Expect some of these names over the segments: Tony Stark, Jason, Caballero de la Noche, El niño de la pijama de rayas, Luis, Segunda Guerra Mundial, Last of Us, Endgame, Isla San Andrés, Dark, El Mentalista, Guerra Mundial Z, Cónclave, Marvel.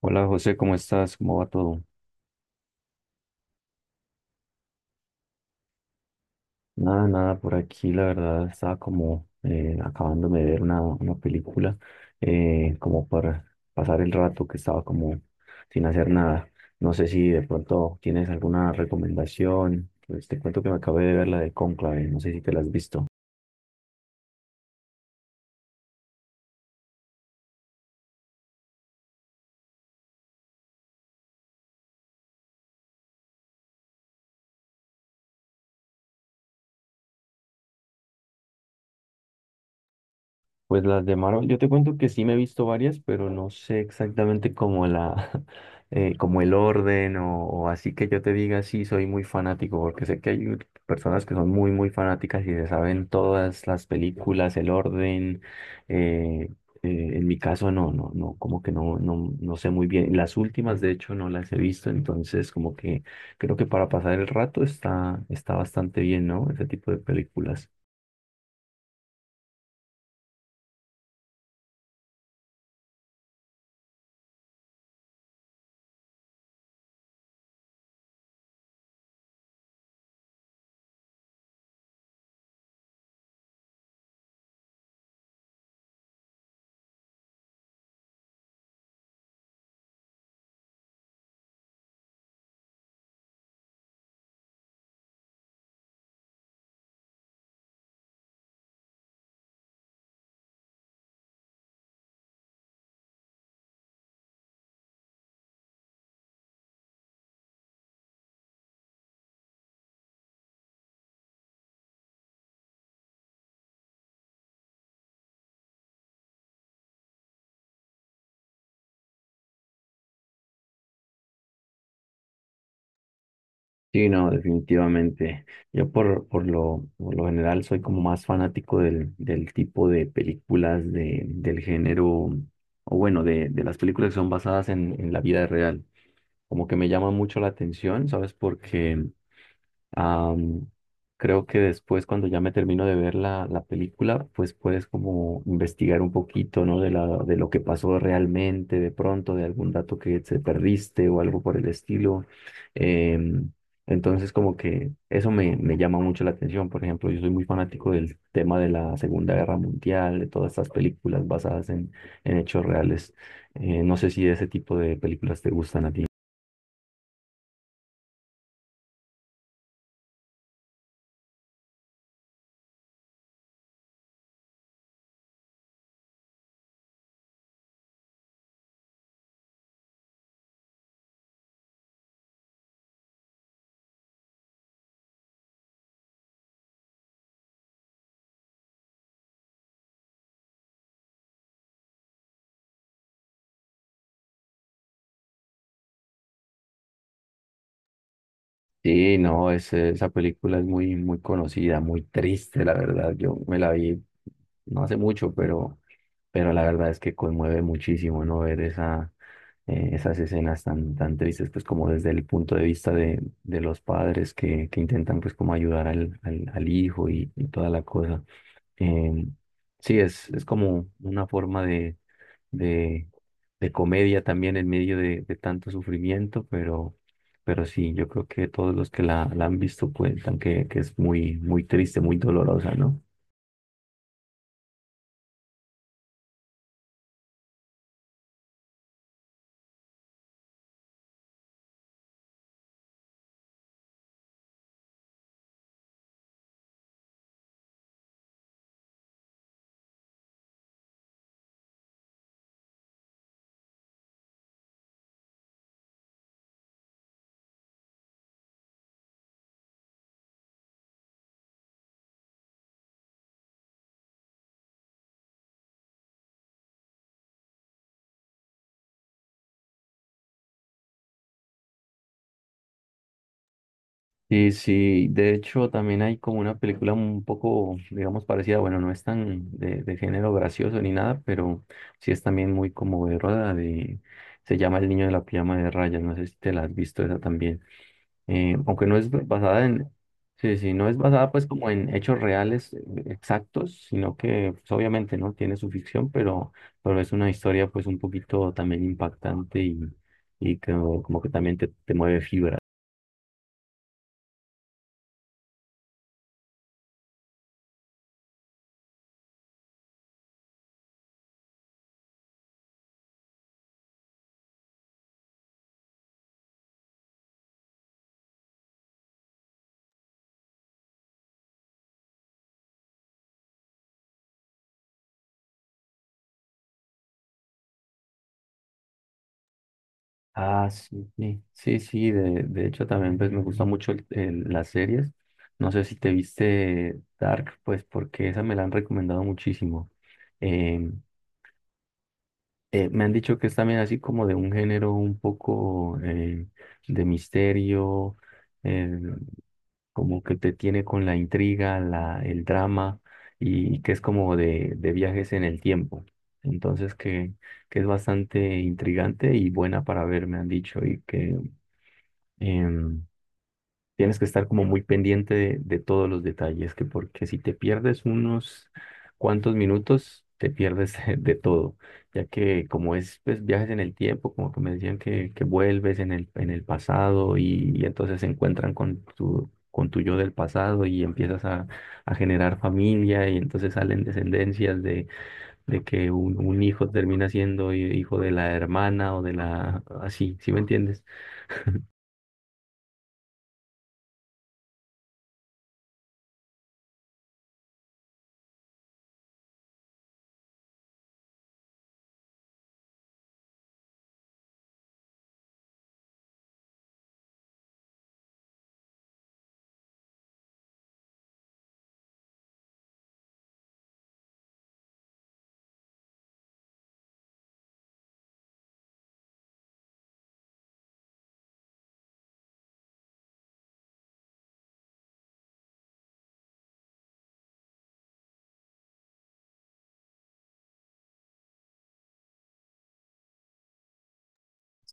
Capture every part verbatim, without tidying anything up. Hola José, ¿cómo estás? ¿Cómo va todo? Nada, nada, por aquí la verdad estaba como eh, acabándome de ver una, una película, eh, como para pasar el rato que estaba como sin hacer nada. No sé si de pronto tienes alguna recomendación. Pues te cuento que me acabé de ver la de Cónclave, no sé si te la has visto. Pues las de Marvel, yo te cuento que sí me he visto varias, pero no sé exactamente como la, eh, como el orden o, o así, que yo te diga sí, soy muy fanático, porque sé que hay personas que son muy, muy fanáticas y se saben todas las películas, el orden. eh, eh, en mi caso no, no, no, como que no, no, no sé muy bien. Las últimas, de hecho, no las he visto, entonces como que creo que para pasar el rato está, está bastante bien, ¿no? Ese tipo de películas. Sí, no, definitivamente. Yo por, por lo, por lo general soy como más fanático del, del tipo de películas de, del género, o bueno, de, de las películas que son basadas en, en la vida real. Como que me llama mucho la atención, ¿sabes? Porque Am, Creo que después, cuando ya me termino de ver la, la película, pues puedes como investigar un poquito, ¿no? De la, de lo que pasó realmente, de pronto, de algún dato que se perdiste o algo por el estilo. Em, entonces, como que eso me, me llama mucho la atención. Por ejemplo, yo soy muy fanático del tema de la Segunda Guerra Mundial, de todas estas películas basadas en, en hechos reales. Eh, no sé si ese tipo de películas te gustan a ti. Sí, no, ese- esa película es muy, muy conocida, muy triste, la verdad. Yo me la vi no hace mucho, pero, pero la verdad es que conmueve muchísimo, ¿no? Ver esa, eh, esas escenas tan, tan tristes, pues como desde el punto de vista de, de los padres que, que intentan, pues, como ayudar al, al, al hijo y, y toda la cosa. Eh, sí, es, es como una forma de, de, de comedia también en medio de, de tanto sufrimiento, pero, pero sí, yo creo que todos los que la, la han visto cuentan que, que es muy, muy triste, muy dolorosa, ¿no? Sí, sí, de hecho también hay como una película un poco, digamos, parecida, bueno, no es tan de, de género gracioso ni nada, pero sí es también muy conmovedora de, se llama El niño de la pijama de rayas, no sé si te la has visto esa también. Eh, aunque no es basada en, sí, sí, no es basada pues como en hechos reales, eh, exactos, sino que, pues, obviamente no tiene su ficción, pero, pero es una historia pues un poquito también impactante y, y que, como que también te, te mueve fibra. Ah, sí, sí, sí, sí, de, de hecho también pues me gusta mucho el- el- las series. No sé si te viste Dark, pues porque esa me la han recomendado muchísimo. Em, Eh, me han dicho que es también así como de un género un poco eh, de misterio, eh, como que te tiene con la intriga, la, el drama y que es como de, de viajes en el tiempo. Entonces que, que es bastante intrigante y buena para ver, me han dicho, y que em, tienes que estar como muy pendiente de, de todos los detalles, que porque si te pierdes unos cuantos minutos, te pierdes de todo, ya que como es pues viajes en el tiempo, como que me decían que, que vuelves en el, en el pasado y, y entonces se encuentran con tu, con tu yo del pasado y empiezas a, a generar familia y entonces salen descendencias de, de que un, un hijo termina siendo hijo de la hermana o de la... así, ¿sí me entiendes?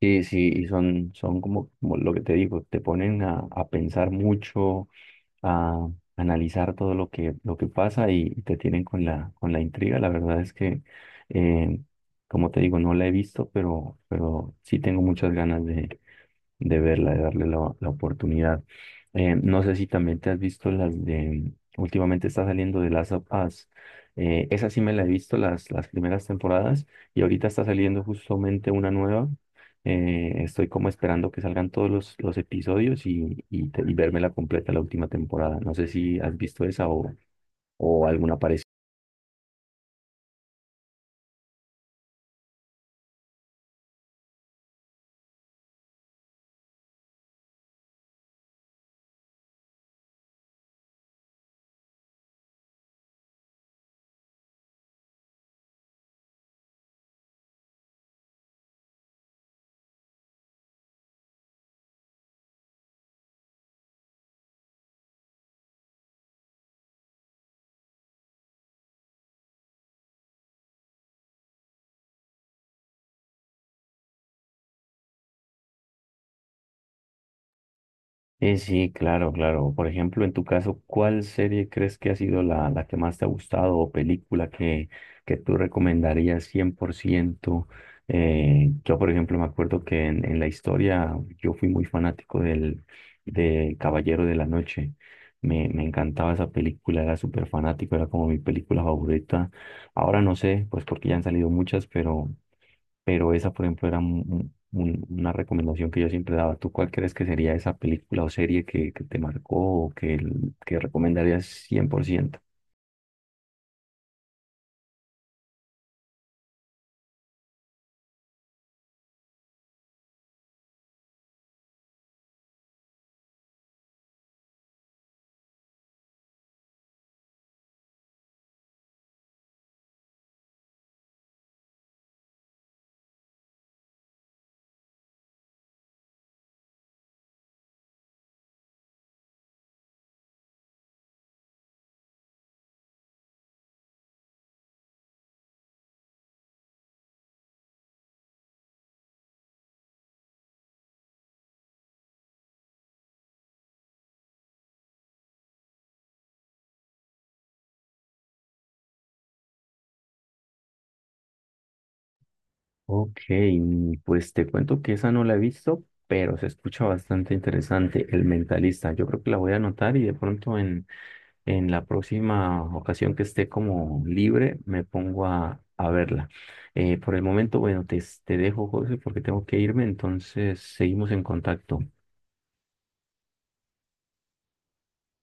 Sí, sí, y son, son como, como lo que te digo, te ponen a, a pensar mucho, a analizar todo lo que, lo que pasa y, y te tienen con la, con la intriga. La verdad es que, eh, como te digo, no la he visto, pero, pero sí tengo muchas ganas de, de verla, de darle la, la oportunidad. Eh, no sé si también te has visto las de, últimamente está saliendo de Last of Us. Eh, esa sí me la he visto, las, las primeras temporadas, y ahorita está saliendo justamente una nueva. Eh, estoy como esperando que salgan todos los, los episodios y, y, te- y verme la completa la última temporada. No sé si has visto esa o, o alguna parecida. Sí, sí, claro, claro. Por ejemplo, en tu caso, ¿cuál serie crees que ha sido la, la que más te ha gustado o película que, que tú recomendarías cien por ciento? Eh, yo, por ejemplo, me acuerdo que en, en la historia yo fui muy fanático del, de Caballero de la Noche. Me, me encantaba esa película, era súper fanático, era como mi película favorita. Ahora no sé, pues porque ya han salido muchas, pero pero esa, por ejemplo, era un- un- una recomendación que yo siempre daba. ¿Tú cuál crees que sería esa película o serie que, que te marcó o que, el- que recomendarías cien por ciento? Ok, mm, pues te cuento que esa no la he visto, pero se escucha bastante interesante, El Mentalista. Yo creo que la voy a anotar y de pronto en, en la próxima ocasión que esté como libre me pongo a, a verla. Eh, por el momento, bueno, te, te dejo, José, porque tengo que irme, entonces seguimos en contacto.